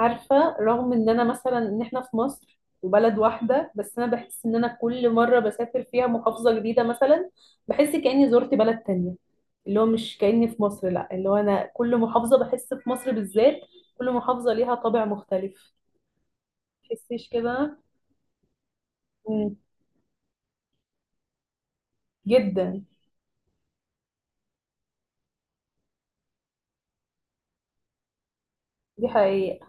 عارفة رغم ان انا مثلا ان احنا في مصر وبلد واحدة، بس انا بحس ان انا كل مرة بسافر فيها محافظة جديدة مثلا بحس كأني زرت بلد تانية. اللي هو مش كأني في مصر، لا اللي هو انا كل محافظة بحس في مصر بالذات كل محافظة ليها طابع مختلف. تحسيش كده؟ مم. جدا. دي حقيقة.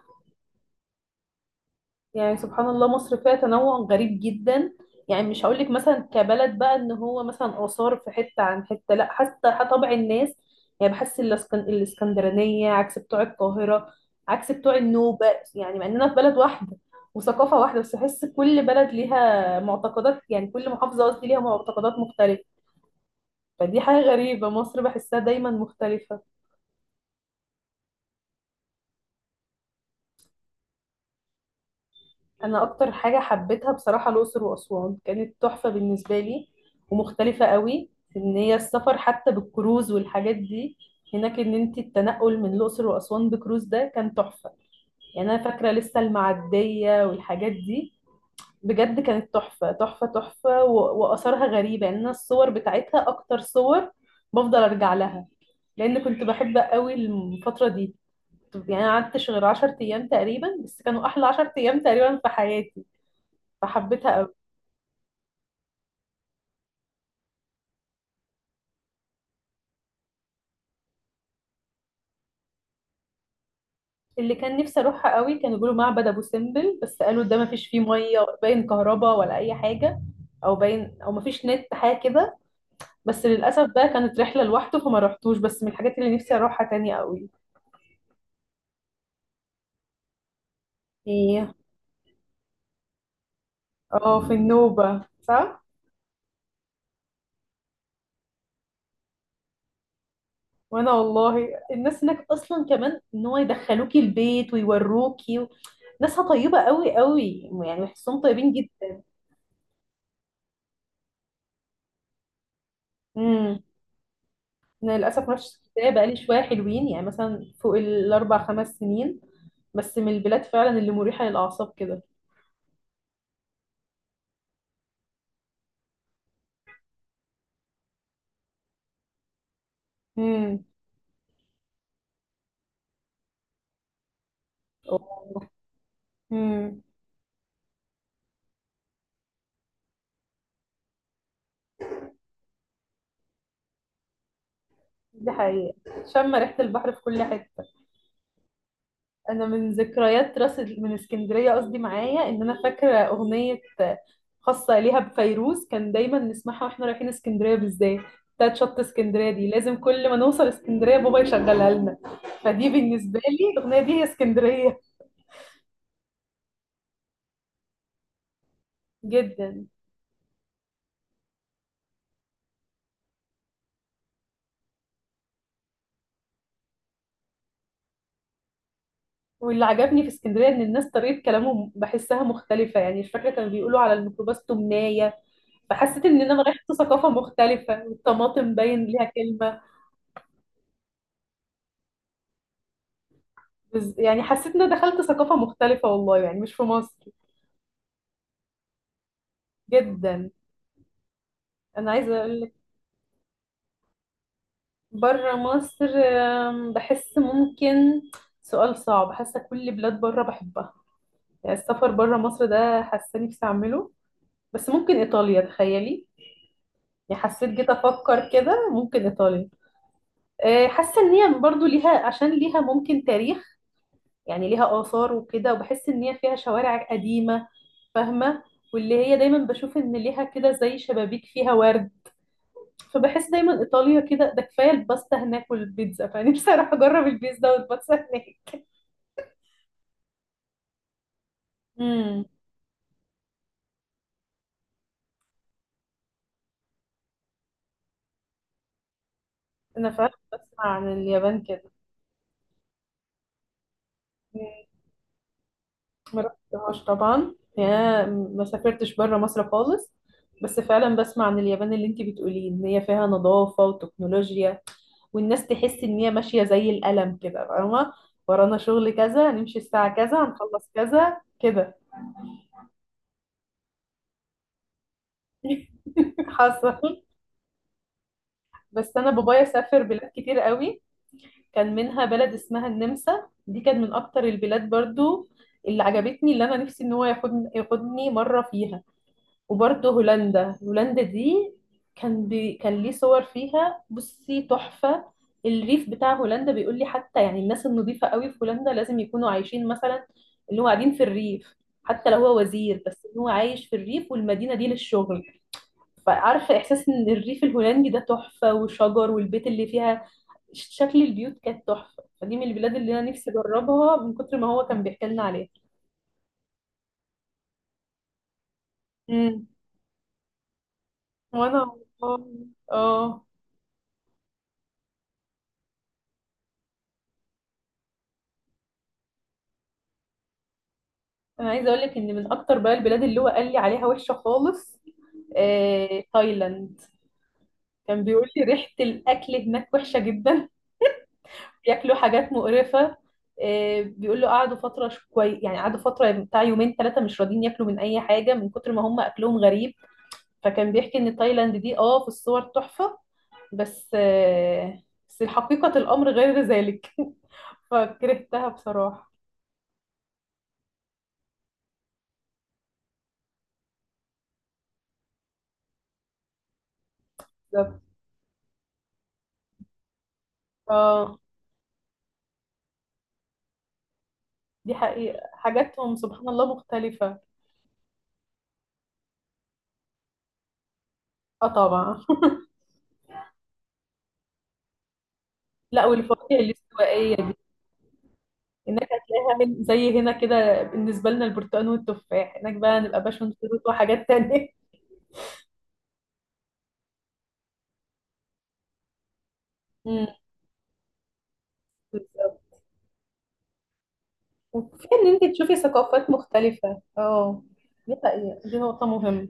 يعني سبحان الله مصر فيها تنوع غريب جدا، يعني مش هقولك مثلا كبلد بقى ان هو مثلا آثار في حتة عن حتة، لا حتى طبع الناس. يعني بحس الاسكندرانية عكس بتوع القاهرة، عكس بتوع النوبة. يعني مع اننا في بلد واحدة وثقافة واحدة، بس بحس كل بلد ليها معتقدات، يعني كل محافظة قصدي ليها معتقدات مختلفة. فدي حاجة غريبة، مصر بحسها دايما مختلفة. انا اكتر حاجه حبيتها بصراحه الاقصر واسوان، كانت تحفه بالنسبه لي ومختلفه قوي. ان هي السفر حتى بالكروز والحاجات دي هناك، ان انت التنقل من الاقصر واسوان بكروز ده كان تحفه. يعني انا فاكره لسه المعديه والحاجات دي. بجد كانت تحفه تحفه تحفه، واثارها غريبه. يعني انا الصور بتاعتها اكتر صور بفضل ارجع لها، لان كنت بحب قوي الفتره دي. يعني أنا قعدتش غير 10 ايام تقريبا، بس كانوا احلى 10 ايام تقريبا في حياتي فحبيتها. اللي كان نفسي اروحها قوي كانوا بيقولوا معبد ابو سمبل، بس قالوا ده ما فيش فيه ميه باين، كهرباء ولا اي حاجه، او باين او ما فيش نت حاجه كده. بس للاسف بقى كانت رحله لوحده فما رحتوش، بس من الحاجات اللي نفسي اروحها تاني قوي. ايه؟ اه في النوبه صح. وانا والله الناس هناك اصلا كمان ان هو يدخلوكي البيت ويوروكي و... ناسها طيبه قوي قوي، يعني بحسهم طيبين جدا. امم. انا للاسف ما رحتش اسكندريه بقالي شويه حلوين، يعني مثلا فوق الاربع خمس سنين، بس من البلاد فعلا اللي مريحة للأعصاب كده. امم. أوه. امم. دي حقيقة. شم ريحة البحر في كل حتة. أنا من ذكريات راس من اسكندرية قصدي معايا إن أنا فاكرة أغنية خاصة ليها بفيروز كان دايما نسمعها واحنا رايحين اسكندرية بالذات، بتاعت شط اسكندرية دي لازم كل ما نوصل اسكندرية بابا يشغلها لنا. فدي بالنسبة لي الأغنية دي هي اسكندرية. جدا. واللي عجبني في اسكندرية إن الناس طريقة كلامهم بحسها مختلفة، يعني مش فاكرة كانوا بيقولوا على الميكروباص تمناية، فحسيت ان انا رحت ثقافة مختلفة، والطماطم باين ليها كلمة. يعني حسيت ان انا دخلت ثقافة مختلفة والله، يعني مش في مصر. جدا. انا عايزة اقول لك. بره مصر بحس ممكن، سؤال صعب، حاسة كل بلاد بره بحبها، يعني السفر بره مصر ده حاسة نفسي اعمله. بس ممكن ايطاليا، تخيلي. يعني حسيت جيت افكر كده ممكن ايطاليا. حاسة ان هي برضو ليها، عشان ليها ممكن تاريخ، يعني ليها آثار وكده، وبحس إن هي فيها شوارع قديمة، فاهمة، واللي هي دايما بشوف إن ليها كده زي شبابيك فيها ورد. فبحس دايما إيطاليا كده، ده كفاية الباستا هناك والبيتزا، فنفسي أروح أجرب البيتزا والباستا هناك. امم. أنا فعلا بسمع عن اليابان كده. ما رحتهاش طبعا، يا ما سافرتش بره مصر خالص، بس فعلا بسمع عن اليابان اللي انت بتقوليه ان هي فيها نظافة وتكنولوجيا، والناس تحس ان هي ماشية زي القلم كده، فاهمة، ورانا شغل كذا، نمشي الساعة كذا، هنخلص كذا كده. حصل. بس انا بابايا سافر بلاد كتير قوي، كان منها بلد اسمها النمسا، دي كانت من اكتر البلاد برضو اللي عجبتني، اللي انا نفسي ان هو ياخدني مرة فيها. وبرضه هولندا، هولندا دي كان ليه صور فيها بصي تحفة. الريف بتاع هولندا بيقول لي حتى، يعني الناس النظيفة قوي في هولندا لازم يكونوا عايشين مثلا اللي هو قاعدين في الريف، حتى لو هو وزير بس ان هو عايش في الريف والمدينة دي للشغل. فعارفة إحساس إن الريف الهولندي ده تحفة، وشجر والبيت اللي فيها، شكل البيوت كانت تحفة، فدي من البلاد اللي أنا نفسي أجربها من كتر ما هو كان بيحكي لنا عليها. امم. وأنا اه. انا عايزه اقول لك ان من اكتر بقى البلاد اللي هو قال لي عليها وحشه خالص تايلاند. كان بيقول لي ريحه الاكل هناك وحشه جدا، بياكلوا حاجات مقرفه. بيقول له قعدوا فتره مش كويس، يعني قعدوا فتره بتاع يومين ثلاثه مش راضيين ياكلوا من اي حاجه من كتر ما هم اكلهم غريب. فكان بيحكي ان تايلاند دي اه في الصور تحفه، بس بس حقيقه الامر غير ذلك، فكرهتها بصراحه. بالظبط. اه دي حقيقه حاجاتهم سبحان الله مختلفه. اه طبعا. لا والفواكه الاستوائية دي هناك هتلاقيها من زي هنا كده بالنسبة لنا البرتقال والتفاح، هناك بقى نبقى باشون فروت وحاجات تانية. امم. بالظبط. وكفاية ان انت تشوفي ثقافات مختلفة اه. دي حقيقة، دي نقطة مهمة.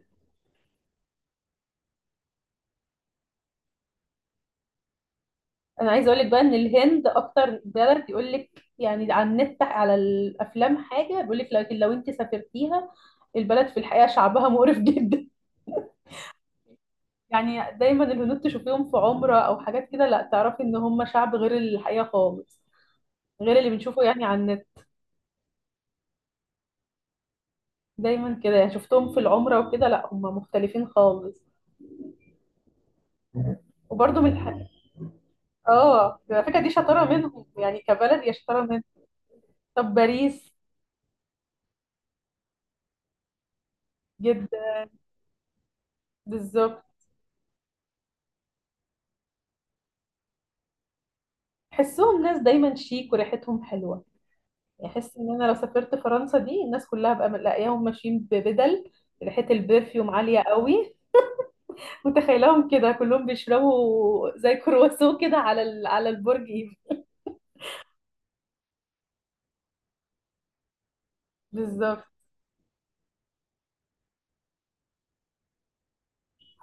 انا عايزة اقولك بقى ان الهند اكتر بلد يقولك يعني على النت على الافلام حاجة بيقولك، لكن لو انت سافرتيها البلد في الحقيقة شعبها مقرف جدا. يعني دايما الهنود تشوفيهم في عمرة او حاجات كده، لا تعرفي ان هم شعب غير الحقيقة خالص، غير اللي بنشوفه يعني على النت. دايما كده، يعني شفتهم في العمرة وكده، لا هم مختلفين خالص. وبرضه اه على فكرة دي شطارة منهم، يعني كبلد هي شطارة منهم. طب باريس. جدا. بالظبط. تحسهم ناس دايما شيك وريحتهم حلوة. يعني احس ان انا لو سافرت فرنسا دي الناس كلها بقى لاقياهم ماشيين ببدل، ريحة البرفيوم عالية قوي. متخيلهم كده كلهم بيشربوا زي كرواسون كده على على البرج ايفل. بالظبط.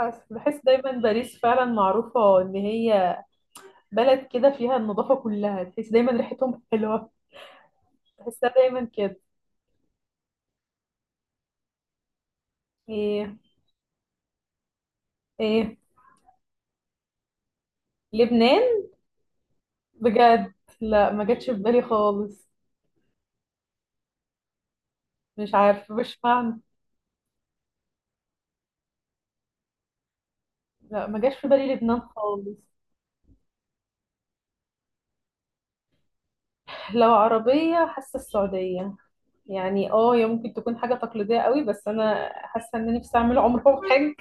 بحس دايما باريس فعلا معروفة ان هي بلد كده فيها النظافة كلها، تحس دايما ريحتهم حلوة. تحسها دايما كده. ايه؟ ايه؟ لبنان؟ بجد. لا ما جاتش في بالي خالص. مش عارفة مش معنى. لا ما جاش في بالي لبنان خالص. لو عربية حاسة السعودية، يعني اه هي ممكن تكون حاجة تقليدية قوي، بس انا حاسة ان نفسي اعمل عمرة وحج.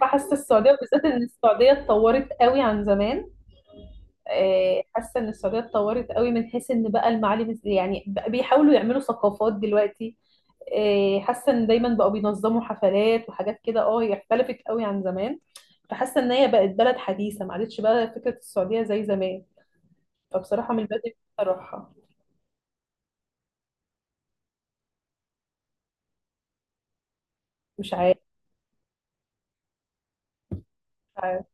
فحاسة السعودية بالذات ان السعودية اتطورت قوي عن زمان. حاسة ان السعودية اتطورت قوي من حيث ان بقى المعالم، يعني بقى بيحاولوا يعملوا ثقافات دلوقتي. إيه، حاسه ان دايما بقوا بينظموا حفلات وحاجات كده، اه هي اختلفت قوي عن زمان. فحاسه ان هي بقت بلد حديثه ما عادتش بقى فكره السعوديه زي زمان، فبصراحه من بدري نفسي اروحها. مش عارف. مش عارف.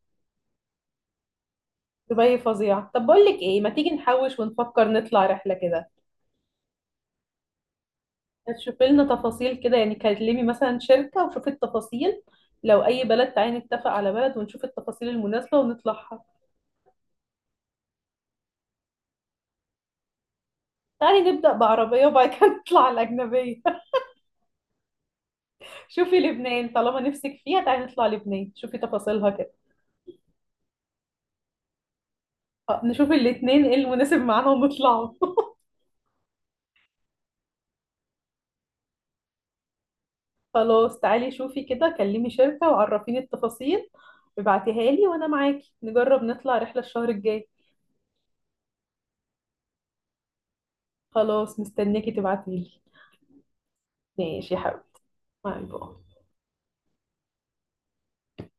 دبي فظيعه. طب بقول لك ايه، ما تيجي نحوش ونفكر نطلع رحله كده، تشوفي لنا تفاصيل كده، يعني كلمي مثلا شركه وشوفي التفاصيل، لو اي بلد تعالي نتفق على بلد ونشوف التفاصيل المناسبه ونطلعها. تعالي نبدا بعربيه وبعد كده نطلع على الاجنبيه. شوفي لبنان طالما نفسك فيها، تعالي نطلع لبنان، شوفي تفاصيلها كده. نشوف الاتنين ايه المناسب معانا ونطلعوا. خلاص تعالي شوفي كده، كلمي شركة وعرفيني التفاصيل، ابعتيها لي وانا معاكي نجرب نطلع رحلة الشهر الجاي. خلاص مستنياكي تبعتيلي. ماشي يا حبيبي. باي باي.